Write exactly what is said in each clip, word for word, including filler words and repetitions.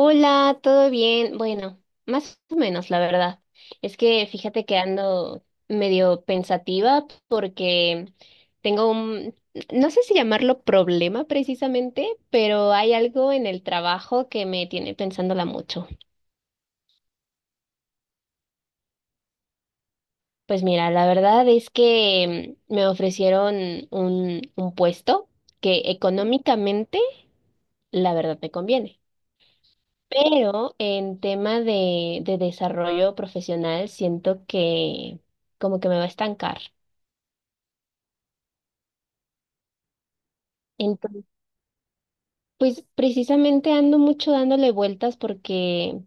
Hola, ¿todo bien? Bueno, más o menos, la verdad. Es que fíjate que ando medio pensativa porque tengo un, no sé si llamarlo problema precisamente, pero hay algo en el trabajo que me tiene pensándola mucho. Pues mira, la verdad es que mm, me ofrecieron un, un puesto que económicamente, la verdad, me conviene. Pero en tema de, de desarrollo profesional, siento que como que me va a estancar. Entonces, pues precisamente ando mucho dándole vueltas porque,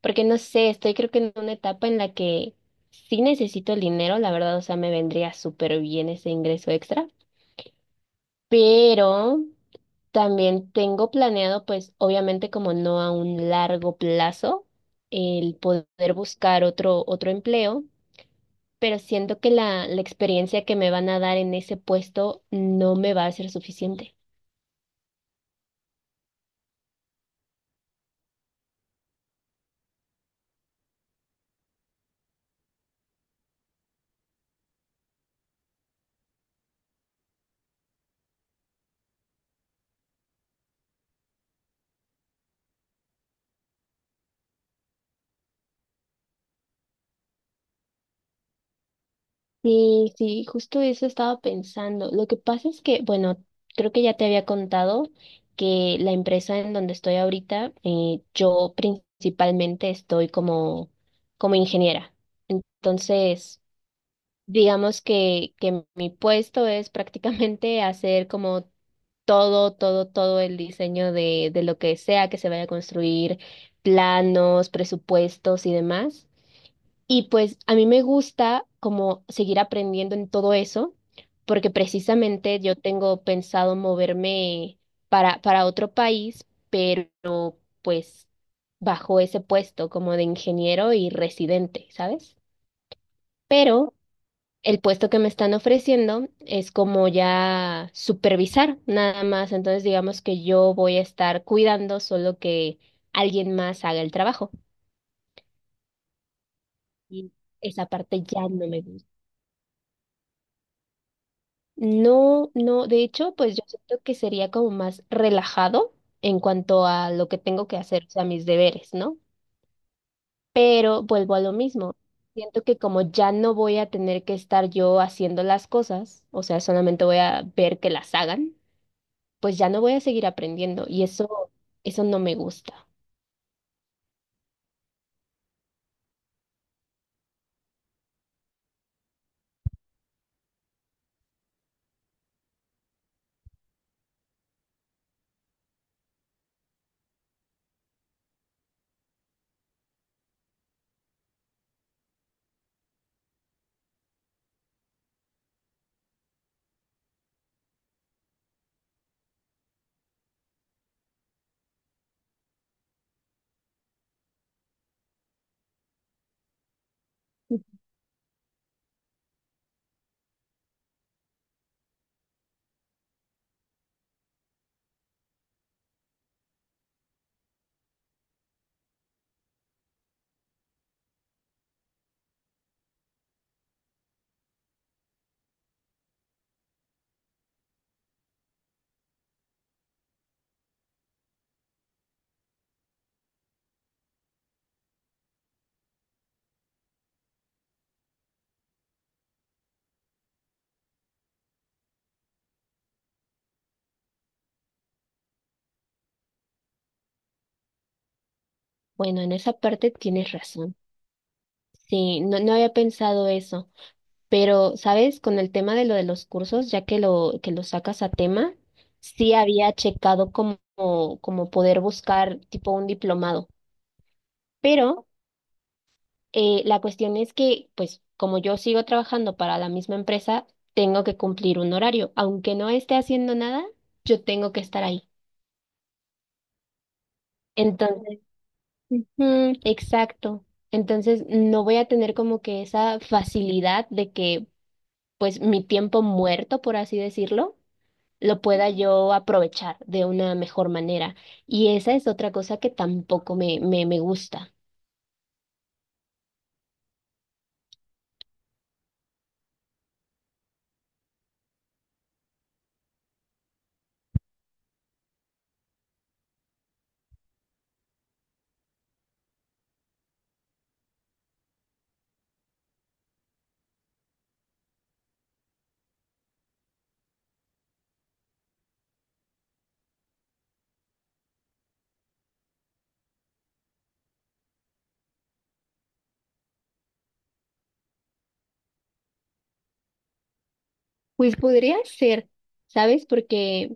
porque no sé, estoy creo que en una etapa en la que sí necesito el dinero, la verdad, o sea, me vendría súper bien ese ingreso extra, pero también tengo planeado, pues obviamente como no a un largo plazo, el poder buscar otro, otro empleo, pero siento que la, la experiencia que me van a dar en ese puesto no me va a ser suficiente. Sí, sí, justo eso estaba pensando. Lo que pasa es que, bueno, creo que ya te había contado que la empresa en donde estoy ahorita, eh, yo principalmente estoy como, como ingeniera. Entonces, digamos que, que mi puesto es prácticamente hacer como todo, todo, todo el diseño de, de lo que sea que se vaya a construir, planos, presupuestos y demás. Y pues a mí me gusta como seguir aprendiendo en todo eso, porque precisamente yo tengo pensado moverme para, para otro país, pero pues bajo ese puesto como de ingeniero y residente, ¿sabes? Pero... el puesto que me están ofreciendo es como ya supervisar nada más, entonces digamos que yo voy a estar cuidando, solo que alguien más haga el trabajo. Y esa parte ya no me gusta. No, no, de hecho, pues yo siento que sería como más relajado en cuanto a lo que tengo que hacer, o sea, mis deberes, ¿no? Pero vuelvo a lo mismo. Siento que como ya no voy a tener que estar yo haciendo las cosas, o sea, solamente voy a ver que las hagan, pues ya no voy a seguir aprendiendo y eso, eso no me gusta. Bueno, en esa parte tienes razón. Sí, no, no había pensado eso, pero, ¿sabes? Con el tema de lo de los cursos, ya que lo, que lo sacas a tema, sí había checado como, como poder buscar tipo un diplomado, pero eh, la cuestión es que, pues, como yo sigo trabajando para la misma empresa, tengo que cumplir un horario, aunque no esté haciendo nada, yo tengo que estar ahí. Entonces. Ujú, exacto. Entonces no voy a tener como que esa facilidad de que pues mi tiempo muerto, por así decirlo, lo pueda yo aprovechar de una mejor manera. Y esa es otra cosa que tampoco me, me, me gusta. Pues podría ser, ¿sabes? Porque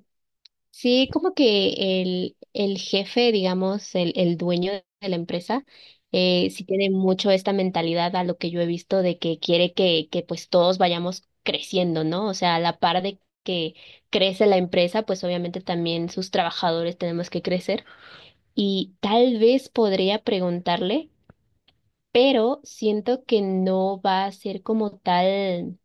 sí, como que el, el jefe, digamos, el, el dueño de la empresa, eh, sí tiene mucho esta mentalidad a lo que yo he visto de que quiere que, que pues todos vayamos creciendo, ¿no? O sea, a la par de que crece la empresa, pues obviamente también sus trabajadores tenemos que crecer. Y tal vez podría preguntarle, pero siento que no va a ser como tal.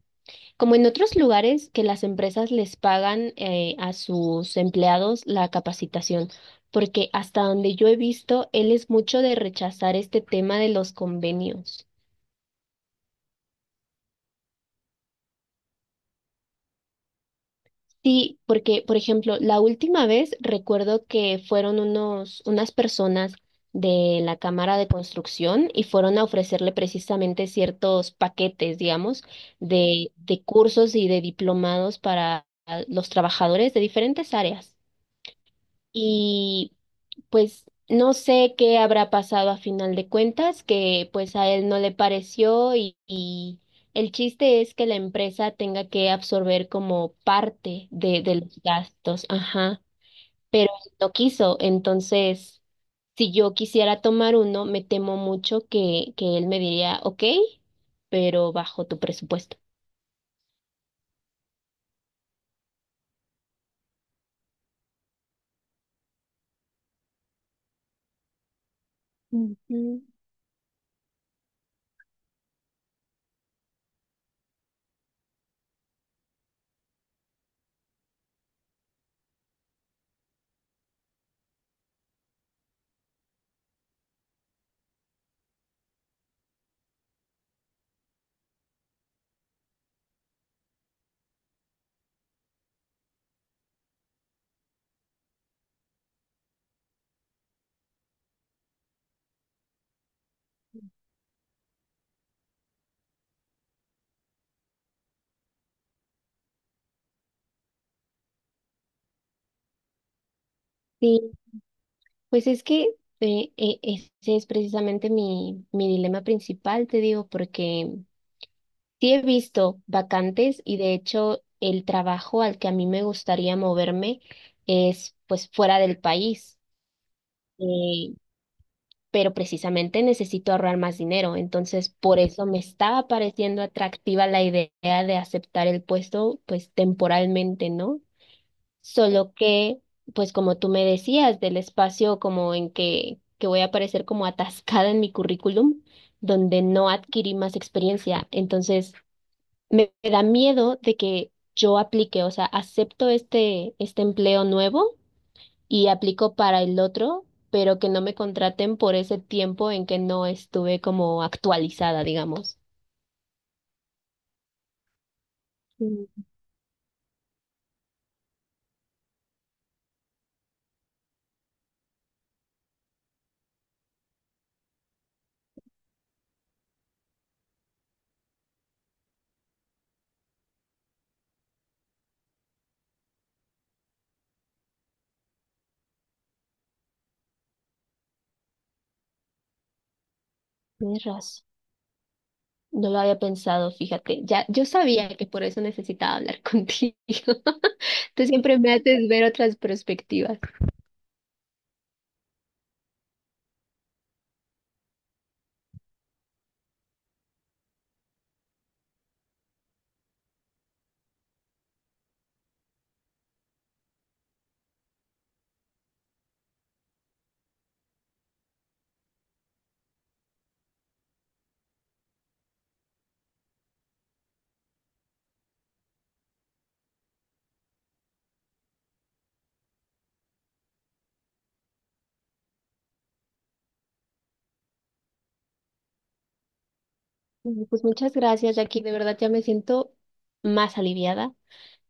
Como en otros lugares que las empresas les pagan eh, a sus empleados la capacitación, porque hasta donde yo he visto, él es mucho de rechazar este tema de los convenios. Sí, porque, por ejemplo, la última vez recuerdo que fueron unos, unas personas de la Cámara de Construcción y fueron a ofrecerle precisamente ciertos paquetes, digamos, de, de cursos y de diplomados para ah, los trabajadores de diferentes áreas. Y pues no sé qué habrá pasado a final de cuentas, que pues a él no le pareció y, y el chiste es que la empresa tenga que absorber como parte de, de los gastos, ajá, pero él no quiso, entonces si yo quisiera tomar uno, me temo mucho que, que él me diría, ok, pero bajo tu presupuesto. Ujú. Sí, pues es que eh, eh, ese es precisamente mi, mi dilema principal, te digo, porque sí he visto vacantes y de hecho el trabajo al que a mí me gustaría moverme es pues fuera del país, eh, pero precisamente necesito ahorrar más dinero, entonces por eso me estaba pareciendo atractiva la idea de aceptar el puesto pues temporalmente, ¿no? Solo que, pues como tú me decías, del espacio como en que, que voy a aparecer como atascada en mi currículum, donde no adquirí más experiencia. Entonces, me, me da miedo de que yo aplique, o sea, acepto este, este empleo nuevo y aplico para el otro, pero que no me contraten por ese tiempo en que no estuve como actualizada, digamos. Mm, tienes razón. No lo había pensado, fíjate. Ya, yo sabía que por eso necesitaba hablar contigo. Tú siempre me haces ver otras perspectivas. Bueno, pues muchas gracias, Jackie. De verdad ya me siento más aliviada.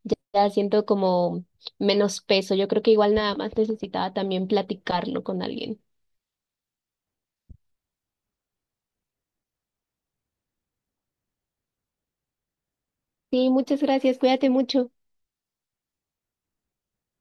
Ya, ya siento como menos peso. Yo creo que igual nada más necesitaba también platicarlo con alguien. Sí, muchas gracias. Cuídate mucho.